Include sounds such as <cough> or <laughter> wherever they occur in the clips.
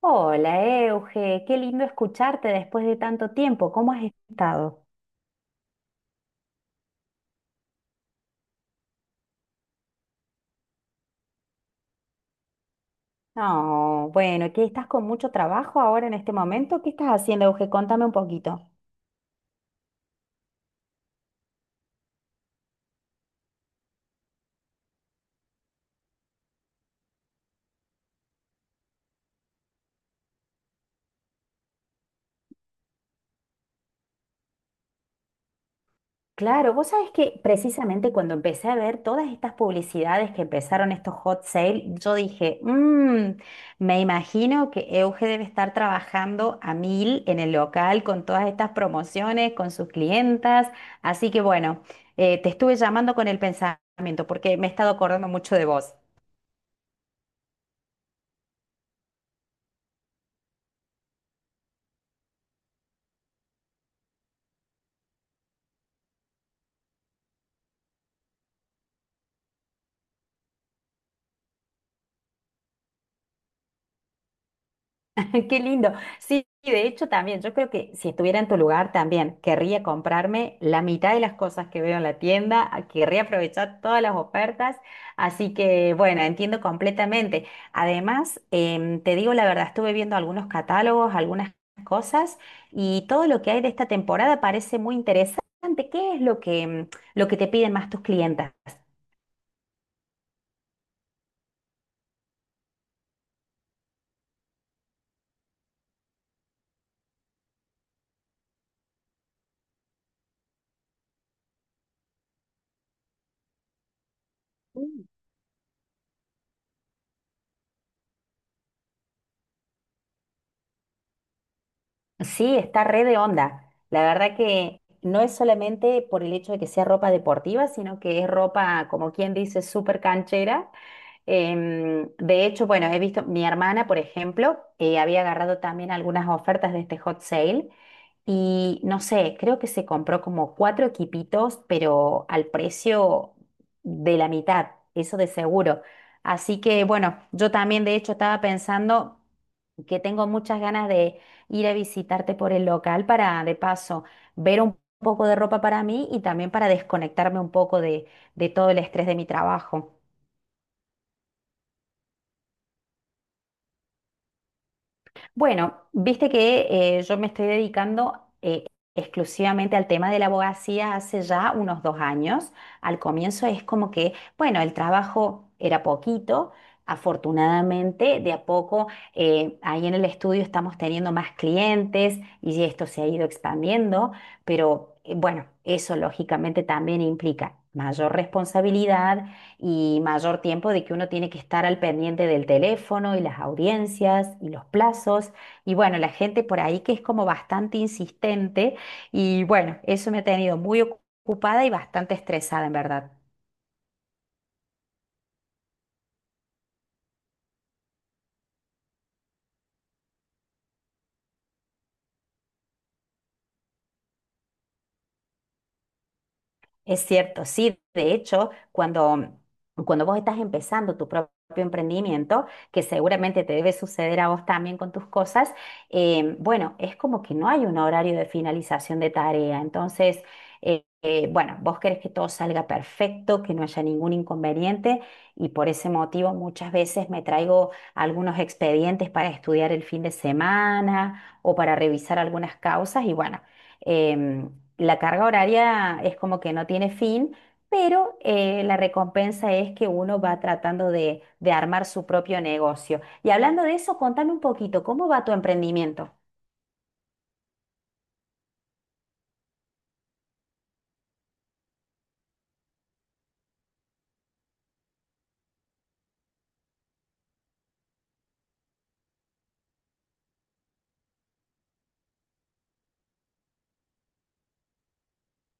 Hola, Euge, qué lindo escucharte después de tanto tiempo. ¿Cómo has estado? No, bueno, ¿qué estás con mucho trabajo ahora en este momento? ¿Qué estás haciendo, Euge? Contame un poquito. Claro, vos sabés que precisamente cuando empecé a ver todas estas publicidades que empezaron estos hot sale, yo dije, "Me imagino que Euge debe estar trabajando a mil en el local con todas estas promociones, con sus clientas." Así que bueno, te estuve llamando con el pensamiento porque me he estado acordando mucho de vos. <laughs> Qué lindo. Sí, de hecho también, yo creo que si estuviera en tu lugar también, querría comprarme la mitad de las cosas que veo en la tienda, querría aprovechar todas las ofertas, así que bueno, entiendo completamente. Además, te digo la verdad, estuve viendo algunos catálogos, algunas cosas y todo lo que hay de esta temporada parece muy interesante. ¿Qué es lo que te piden más tus clientas? Sí, está re de onda. La verdad que no es solamente por el hecho de que sea ropa deportiva, sino que es ropa, como quien dice, súper canchera. De hecho, bueno, he visto mi hermana, por ejemplo, había agarrado también algunas ofertas de este hot sale y no sé, creo que se compró como cuatro equipitos, pero al precio de la mitad, eso de seguro. Así que bueno, yo también de hecho estaba pensando que tengo muchas ganas de ir a visitarte por el local para de paso ver un poco de ropa para mí y también para desconectarme un poco de todo el estrés de mi trabajo. Bueno, viste que yo me estoy dedicando exclusivamente al tema de la abogacía hace ya unos 2 años. Al comienzo es como que, bueno, el trabajo era poquito. Afortunadamente, de a poco, ahí en el estudio estamos teniendo más clientes y esto se ha ido expandiendo, pero bueno, eso lógicamente también implica mayor responsabilidad y mayor tiempo de que uno tiene que estar al pendiente del teléfono y las audiencias y los plazos. Y bueno, la gente por ahí que es como bastante insistente y bueno, eso me ha tenido muy ocupada y bastante estresada en verdad. Es cierto, sí. De hecho, cuando vos estás empezando tu propio emprendimiento, que seguramente te debe suceder a vos también con tus cosas, bueno, es como que no hay un horario de finalización de tarea. Entonces, bueno, vos querés que todo salga perfecto, que no haya ningún inconveniente y por ese motivo muchas veces me traigo algunos expedientes para estudiar el fin de semana o para revisar algunas causas y bueno. em, la carga horaria es como que no tiene fin, pero la recompensa es que uno va tratando de armar su propio negocio. Y hablando de eso, contame un poquito, ¿cómo va tu emprendimiento?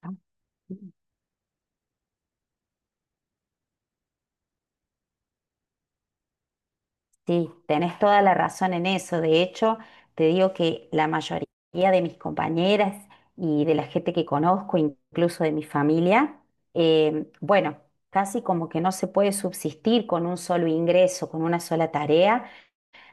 Ah, sí. Sí, tenés toda la razón en eso. De hecho, te digo que la mayoría de mis compañeras y de la gente que conozco, incluso de mi familia, bueno, casi como que no se puede subsistir con un solo ingreso, con una sola tarea.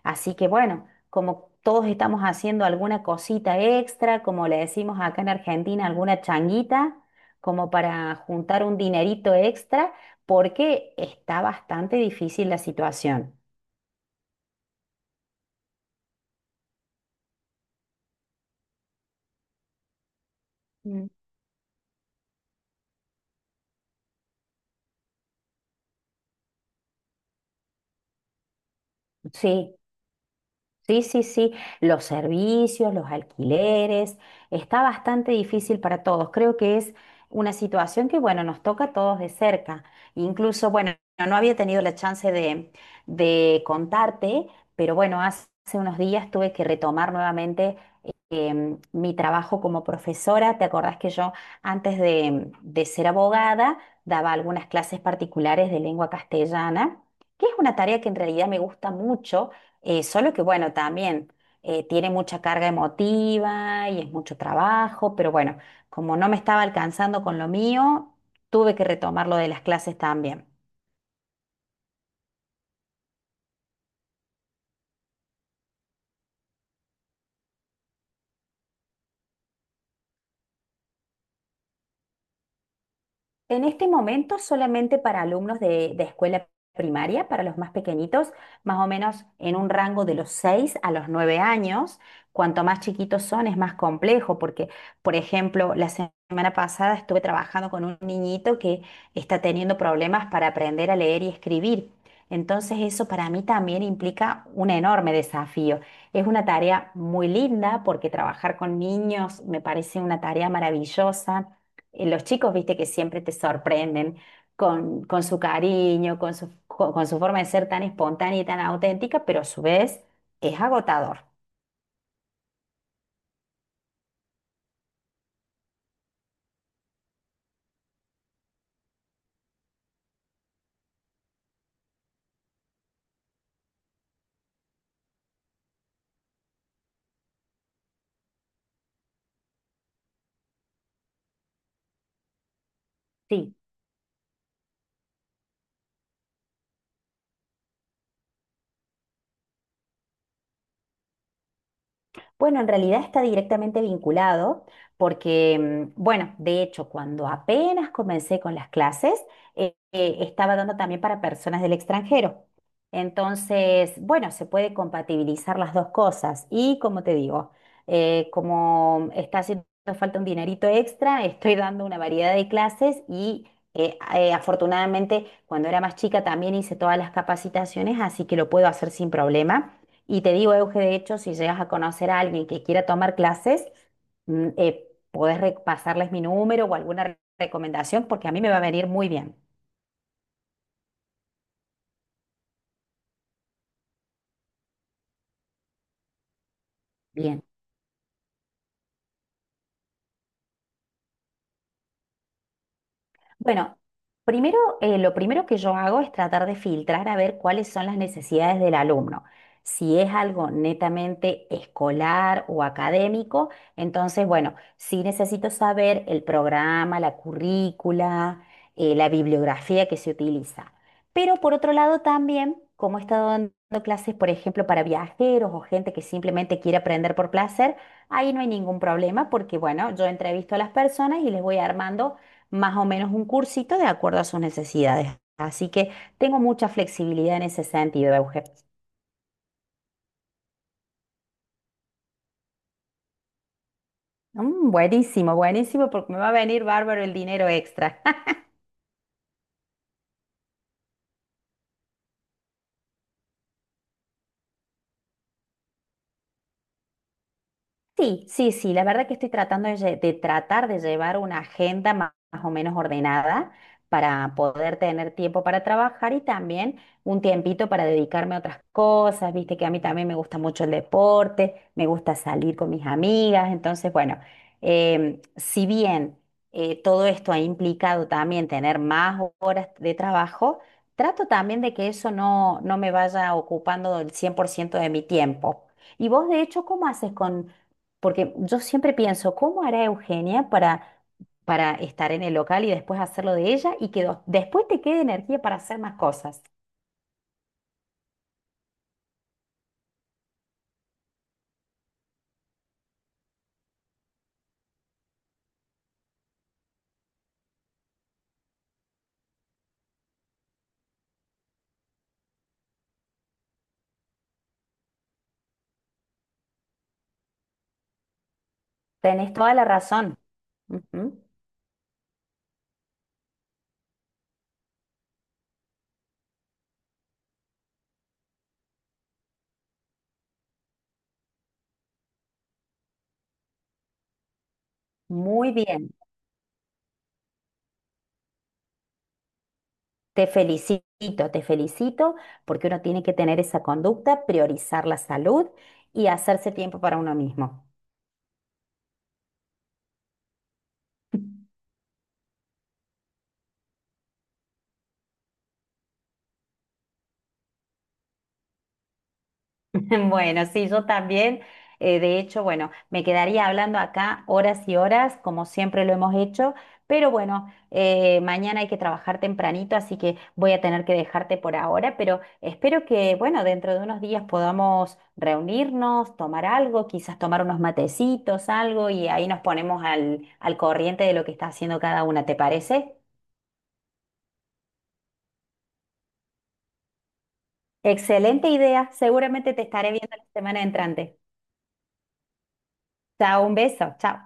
Así que bueno, como todos estamos haciendo alguna cosita extra, como le decimos acá en Argentina, alguna changuita, como para juntar un dinerito extra, porque está bastante difícil la situación. Mm. Sí, sí, sí, sí, los servicios, los alquileres, está bastante difícil para todos. Creo que es una situación que, bueno, nos toca a todos de cerca. Incluso, bueno, no había tenido la chance de contarte, pero bueno, hace unos días tuve que retomar nuevamente mi trabajo como profesora. ¿Te acordás que yo antes de ser abogada daba algunas clases particulares de lengua castellana, que es una tarea que en realidad me gusta mucho, solo que bueno, también tiene mucha carga emotiva y es mucho trabajo, pero bueno, como no me estaba alcanzando con lo mío, tuve que retomar lo de las clases también? En este momento, solamente para alumnos de escuela primaria, para los más pequeñitos, más o menos en un rango de los 6 a los 9 años. Cuanto más chiquitos son, es más complejo, porque, por ejemplo, la semana pasada estuve trabajando con un niñito que está teniendo problemas para aprender a leer y escribir. Entonces, eso para mí también implica un enorme desafío. Es una tarea muy linda porque trabajar con niños me parece una tarea maravillosa. Eh, los chicos, viste, que siempre te sorprenden con su cariño, con su forma de ser tan espontánea y tan auténtica, pero a su vez es agotador. Sí. Bueno, en realidad está directamente vinculado porque, bueno, de hecho, cuando apenas comencé con las clases, estaba dando también para personas del extranjero. Entonces, bueno, se puede compatibilizar las dos cosas. Y como te digo, como está haciendo falta un dinerito extra, estoy dando una variedad de clases y afortunadamente cuando era más chica también hice todas las capacitaciones, así que lo puedo hacer sin problema. Y te digo, Euge, de hecho, si llegas a conocer a alguien que quiera tomar clases, podés pasarles mi número o alguna recomendación porque a mí me va a venir muy bien. Bien. Bueno, primero, lo primero que yo hago es tratar de filtrar a ver cuáles son las necesidades del alumno. Si es algo netamente escolar o académico, entonces, bueno, sí necesito saber el programa, la currícula, la bibliografía que se utiliza. Pero por otro lado también, como he estado dando clases, por ejemplo, para viajeros o gente que simplemente quiere aprender por placer, ahí no hay ningún problema porque, bueno, yo entrevisto a las personas y les voy armando más o menos un cursito de acuerdo a sus necesidades. Así que tengo mucha flexibilidad en ese sentido, Euge. Mm, buenísimo, buenísimo, porque me va a venir bárbaro el dinero extra. Sí, sí, sí, la verdad que estoy tratando de tratar de llevar una agenda más, o menos ordenada para poder tener tiempo para trabajar y también un tiempito para dedicarme a otras cosas, viste que a mí también me gusta mucho el deporte, me gusta salir con mis amigas, entonces bueno, si bien todo esto ha implicado también tener más horas de trabajo, trato también de que eso no me vaya ocupando el 100% de mi tiempo. Y vos, de hecho. ¿Cómo haces con porque yo siempre pienso, ¿cómo hará Eugenia para estar en el local y después hacerlo de ella y que después te quede energía para hacer más cosas? Tenés toda la razón. Ujú. Muy bien. Te felicito, te felicito, porque uno tiene que tener esa conducta, priorizar la salud y hacerse tiempo para uno mismo. <laughs> <laughs> Bueno, sí, yo también. De hecho, bueno, me quedaría hablando acá horas y horas, como siempre lo hemos hecho, pero bueno, mañana hay que trabajar tempranito, así que voy a tener que dejarte por ahora, pero espero que, bueno, dentro de unos días podamos reunirnos, tomar algo, quizás tomar unos matecitos, algo, y ahí nos ponemos al corriente de lo que está haciendo cada una, ¿te parece? Excelente idea, seguramente te estaré viendo la semana entrante. Chao, un beso, chao.